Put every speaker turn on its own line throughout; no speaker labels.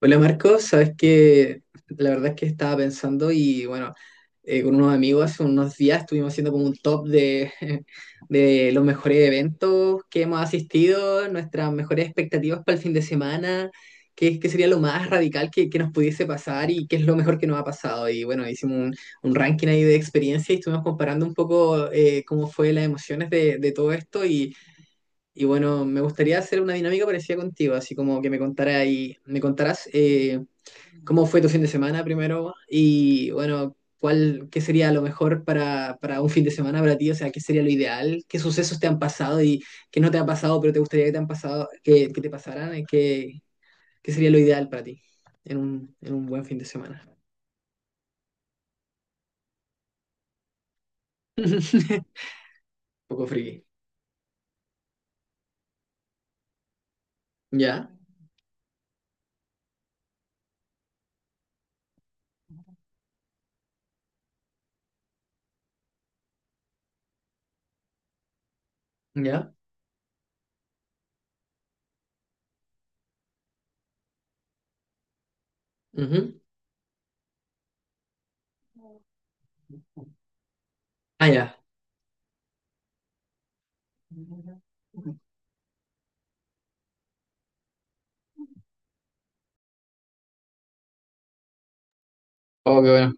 Hola Marcos, sabes que la verdad es que estaba pensando y bueno, con unos amigos hace unos días estuvimos haciendo como un top de los mejores eventos que hemos asistido, nuestras mejores expectativas para el fin de semana, qué sería lo más radical que nos pudiese pasar y qué es lo mejor que nos ha pasado. Y bueno, hicimos un ranking ahí de experiencia y estuvimos comparando un poco cómo fue las emociones de todo esto Y bueno, me gustaría hacer una dinámica parecida contigo, así como que me contara y me contarás ¿cómo fue tu fin de semana primero? Y bueno, ¿qué sería lo mejor para un fin de semana para ti? O sea, ¿qué sería lo ideal? ¿Qué sucesos te han pasado y que no te han pasado, pero te gustaría que te han pasado, que te pasaran? ¿Qué, qué sería lo ideal para ti en en un buen fin de semana? Un poco friki. ¿Ya? ¿Ya? Ujú. Ah, ya. Oh, qué bueno.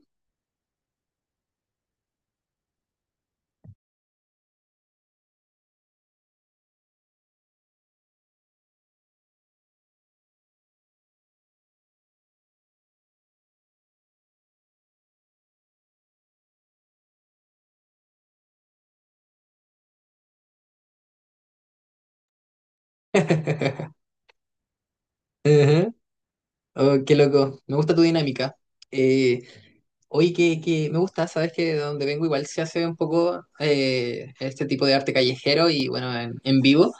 Ujú. Oh, qué loco. Me gusta tu dinámica. Eh, Oye, que me gusta, sabes que de donde vengo igual se hace un poco este tipo de arte callejero y bueno, en vivo.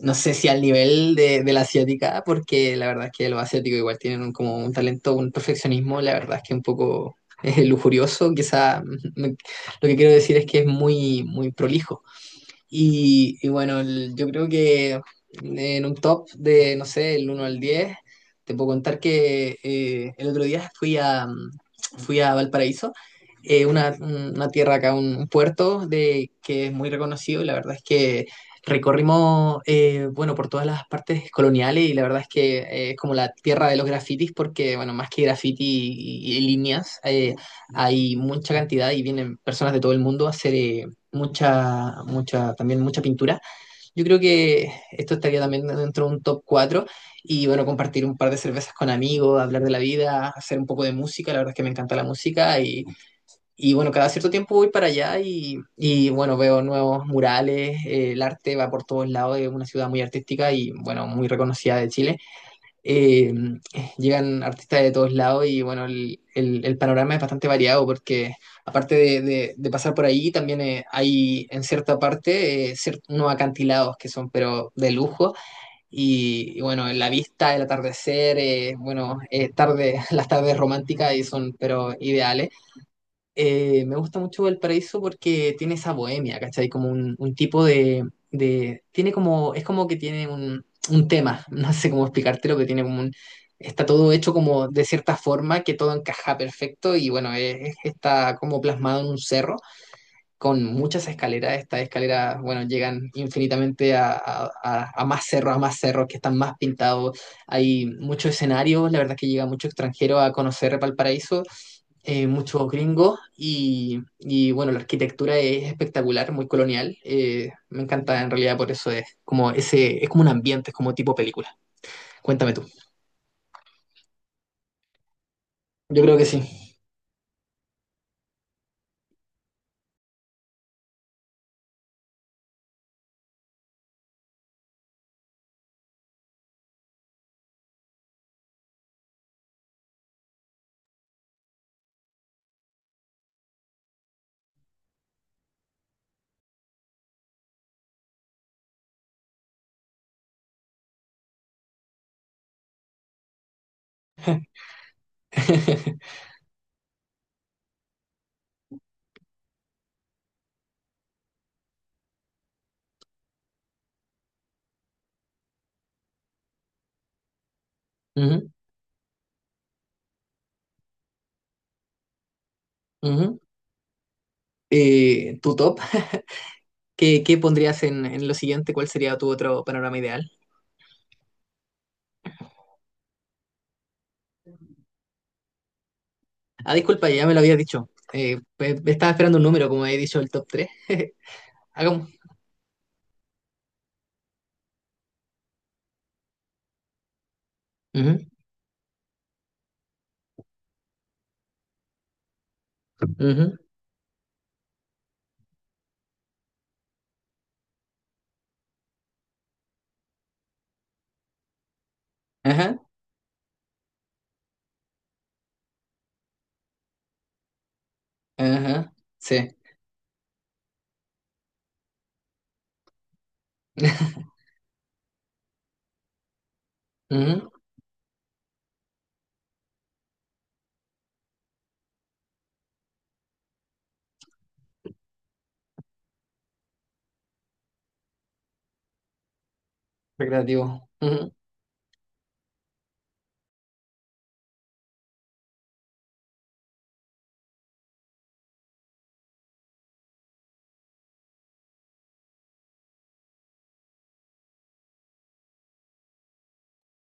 No sé si al nivel de la asiática, porque la verdad es que los asiáticos igual tienen un- como un talento, un perfeccionismo, la verdad es que un poco lujurioso. Quizá lo que quiero decir es que es muy, muy prolijo. Y bueno, el- yo creo que en un top de, no sé, el uno al 10 te puedo contar que el otro día fui a fui a Valparaíso, una tierra acá, un puerto de que es muy reconocido y la verdad es que recorrimos, bueno, por todas las partes coloniales y la verdad es que es como la tierra de los grafitis porque, bueno, más que grafiti y líneas, hay mucha cantidad y vienen personas de todo el mundo a hacer, mucha, mucha, también mucha pintura. Yo creo que esto estaría también dentro de un top 4 y bueno, compartir un par de cervezas con amigos, hablar de la vida, hacer un poco de música, la verdad es que me encanta la música y bueno, cada cierto tiempo voy para allá y bueno, veo nuevos murales, el arte va por todos lados, es una ciudad muy artística y bueno, muy reconocida de Chile. eh, Llegan artistas de todos lados y bueno, el panorama es bastante variado porque aparte de pasar por ahí, también hay en cierta parte unos acantilados que son pero de lujo y bueno, la vista, el atardecer, bueno, tarde, las tardes románticas y son pero ideales. Me gusta mucho Valparaíso porque tiene esa bohemia, ¿cachai? Como un tipo de. Tiene como... Es como que tiene un tema, no sé cómo explicártelo, que tiene como un... Está todo hecho como de cierta forma, que todo encaja perfecto y bueno, está como plasmado en un cerro con muchas escaleras. Estas escaleras, bueno, llegan infinitamente a más cerros que están más pintados. Hay muchos escenarios, la verdad es que llega mucho extranjero a conocer Valparaíso. Muchos gringos y bueno, la arquitectura es espectacular, muy colonial. Me encanta en realidad, por eso es como ese, es como un ambiente, es como tipo película. Cuéntame tú. Yo creo que sí. Ujú, ujú. Tu top, ¿qué pondrías en lo siguiente? ¿Cuál sería tu otro panorama ideal? Ah, disculpa, ya me lo habías dicho. Estaba esperando un número, como he dicho, el top tres. Hagamos. Ujú, ujú. Ajá, ajá. Sí. Ujú. Recreativo. Ujú.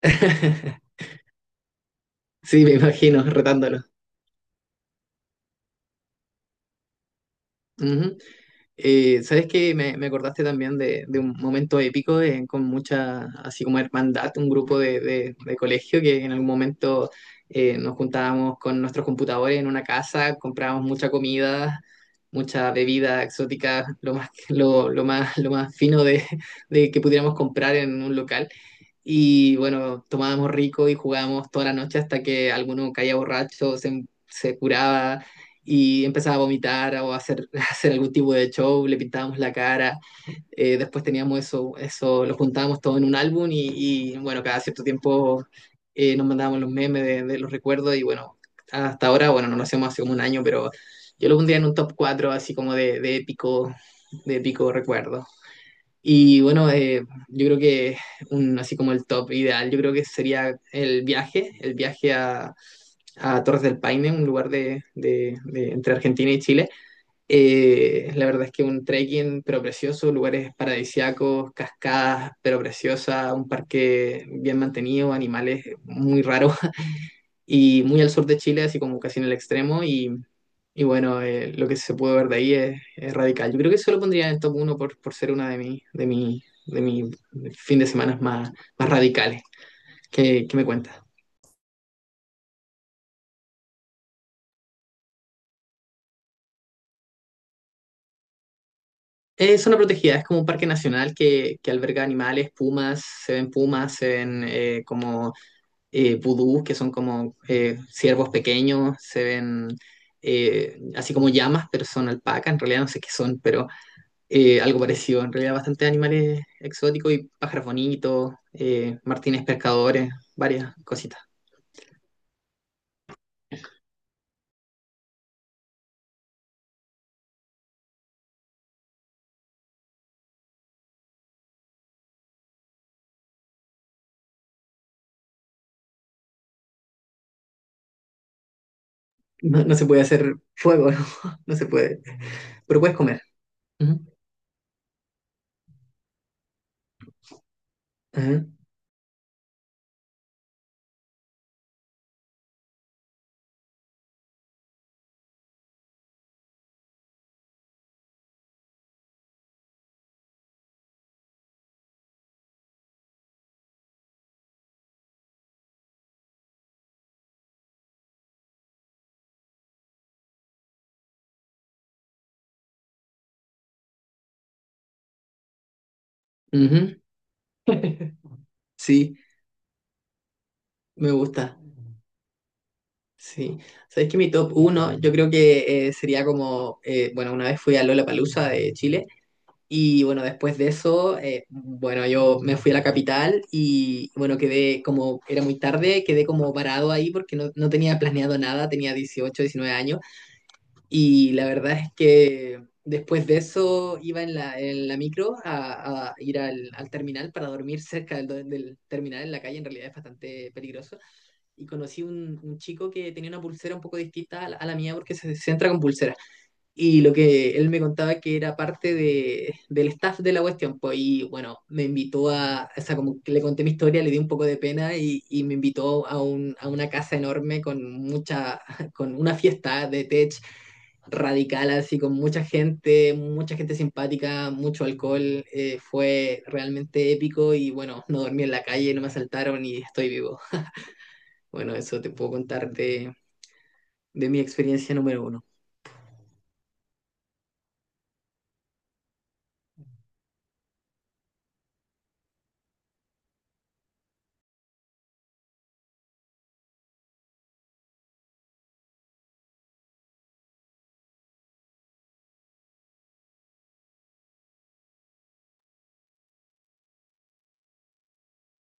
Sí, me imagino, retándolo. Ujú. ¿Sabes qué? Me acordaste también de un momento épico con mucha, así como hermandad, un grupo de colegio que en algún momento nos juntábamos con nuestros computadores en una casa, comprábamos mucha comida, mucha bebida exótica, lo más fino de que pudiéramos comprar en un local. Y bueno, tomábamos rico y jugábamos toda la noche hasta que alguno caía borracho, se curaba y empezaba a vomitar o a hacer algún tipo de show, le pintábamos la cara, después teníamos eso, eso lo juntábamos todo en un álbum y bueno, cada cierto tiempo nos mandábamos los memes de los recuerdos y bueno, hasta ahora, bueno, no lo hacemos hace como un año, pero yo lo pondría en un top 4 así como de épico recuerdo. Y bueno, yo creo que así como el top ideal, yo creo que sería el viaje a Torres del Paine, un lugar entre Argentina y Chile. La verdad es que un trekking pero precioso, lugares paradisíacos, cascadas pero preciosas, un parque bien mantenido, animales muy raros, y muy al sur de Chile, así como casi en el extremo y bueno, lo que se puede ver de ahí es radical. Yo creo que eso lo pondría en el top 1 por ser una de mi fin de semana más, más radicales. ¿Qué me cuentas? Es zona protegida, es como un parque nacional que alberga animales, pumas, se ven como vudús, que son como ciervos pequeños, se ven así como llamas, pero son alpacas, en realidad no sé qué son, pero algo parecido, en realidad bastante animales exóticos y pájaros bonitos, martines pescadores, varias cositas. No, no se puede hacer fuego, ¿no? No se puede, pero puedes comer. Ujú, ajá, ujú. Sí, me gusta. Sí, sabéis que mi top uno yo creo que sería como, bueno, una vez fui a Lollapalooza de Chile y bueno, después de eso, bueno, yo me fui a la capital y bueno, quedé como, era muy tarde, quedé como parado ahí porque no, no tenía planeado nada, tenía 18 19 años y la verdad es que después de eso iba en la micro a ir al terminal para dormir cerca del terminal en la calle, en realidad es bastante peligroso. Y conocí un chico que tenía una pulsera un poco distinta a la mía porque se entra con pulsera. Y lo que él me contaba que era parte del staff de la cuestión, pues, y bueno, me invitó a, o sea, como que le conté mi historia, le di un poco de pena y me invitó a una casa enorme con mucha, con una fiesta de tech radical, así con mucha gente simpática, mucho alcohol, fue realmente épico y bueno, no dormí en la calle, no me asaltaron y estoy vivo. Bueno, eso te puedo contar de mi experiencia número uno.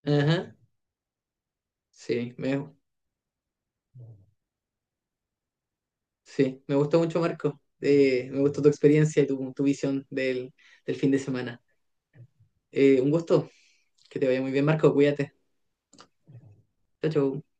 Ajá, sí, me, sí, me gustó mucho, Marco. Me gustó tu experiencia y tu visión del fin de semana. Un gusto. Que te vaya muy bien, Marco. Cuídate. Chao, chao.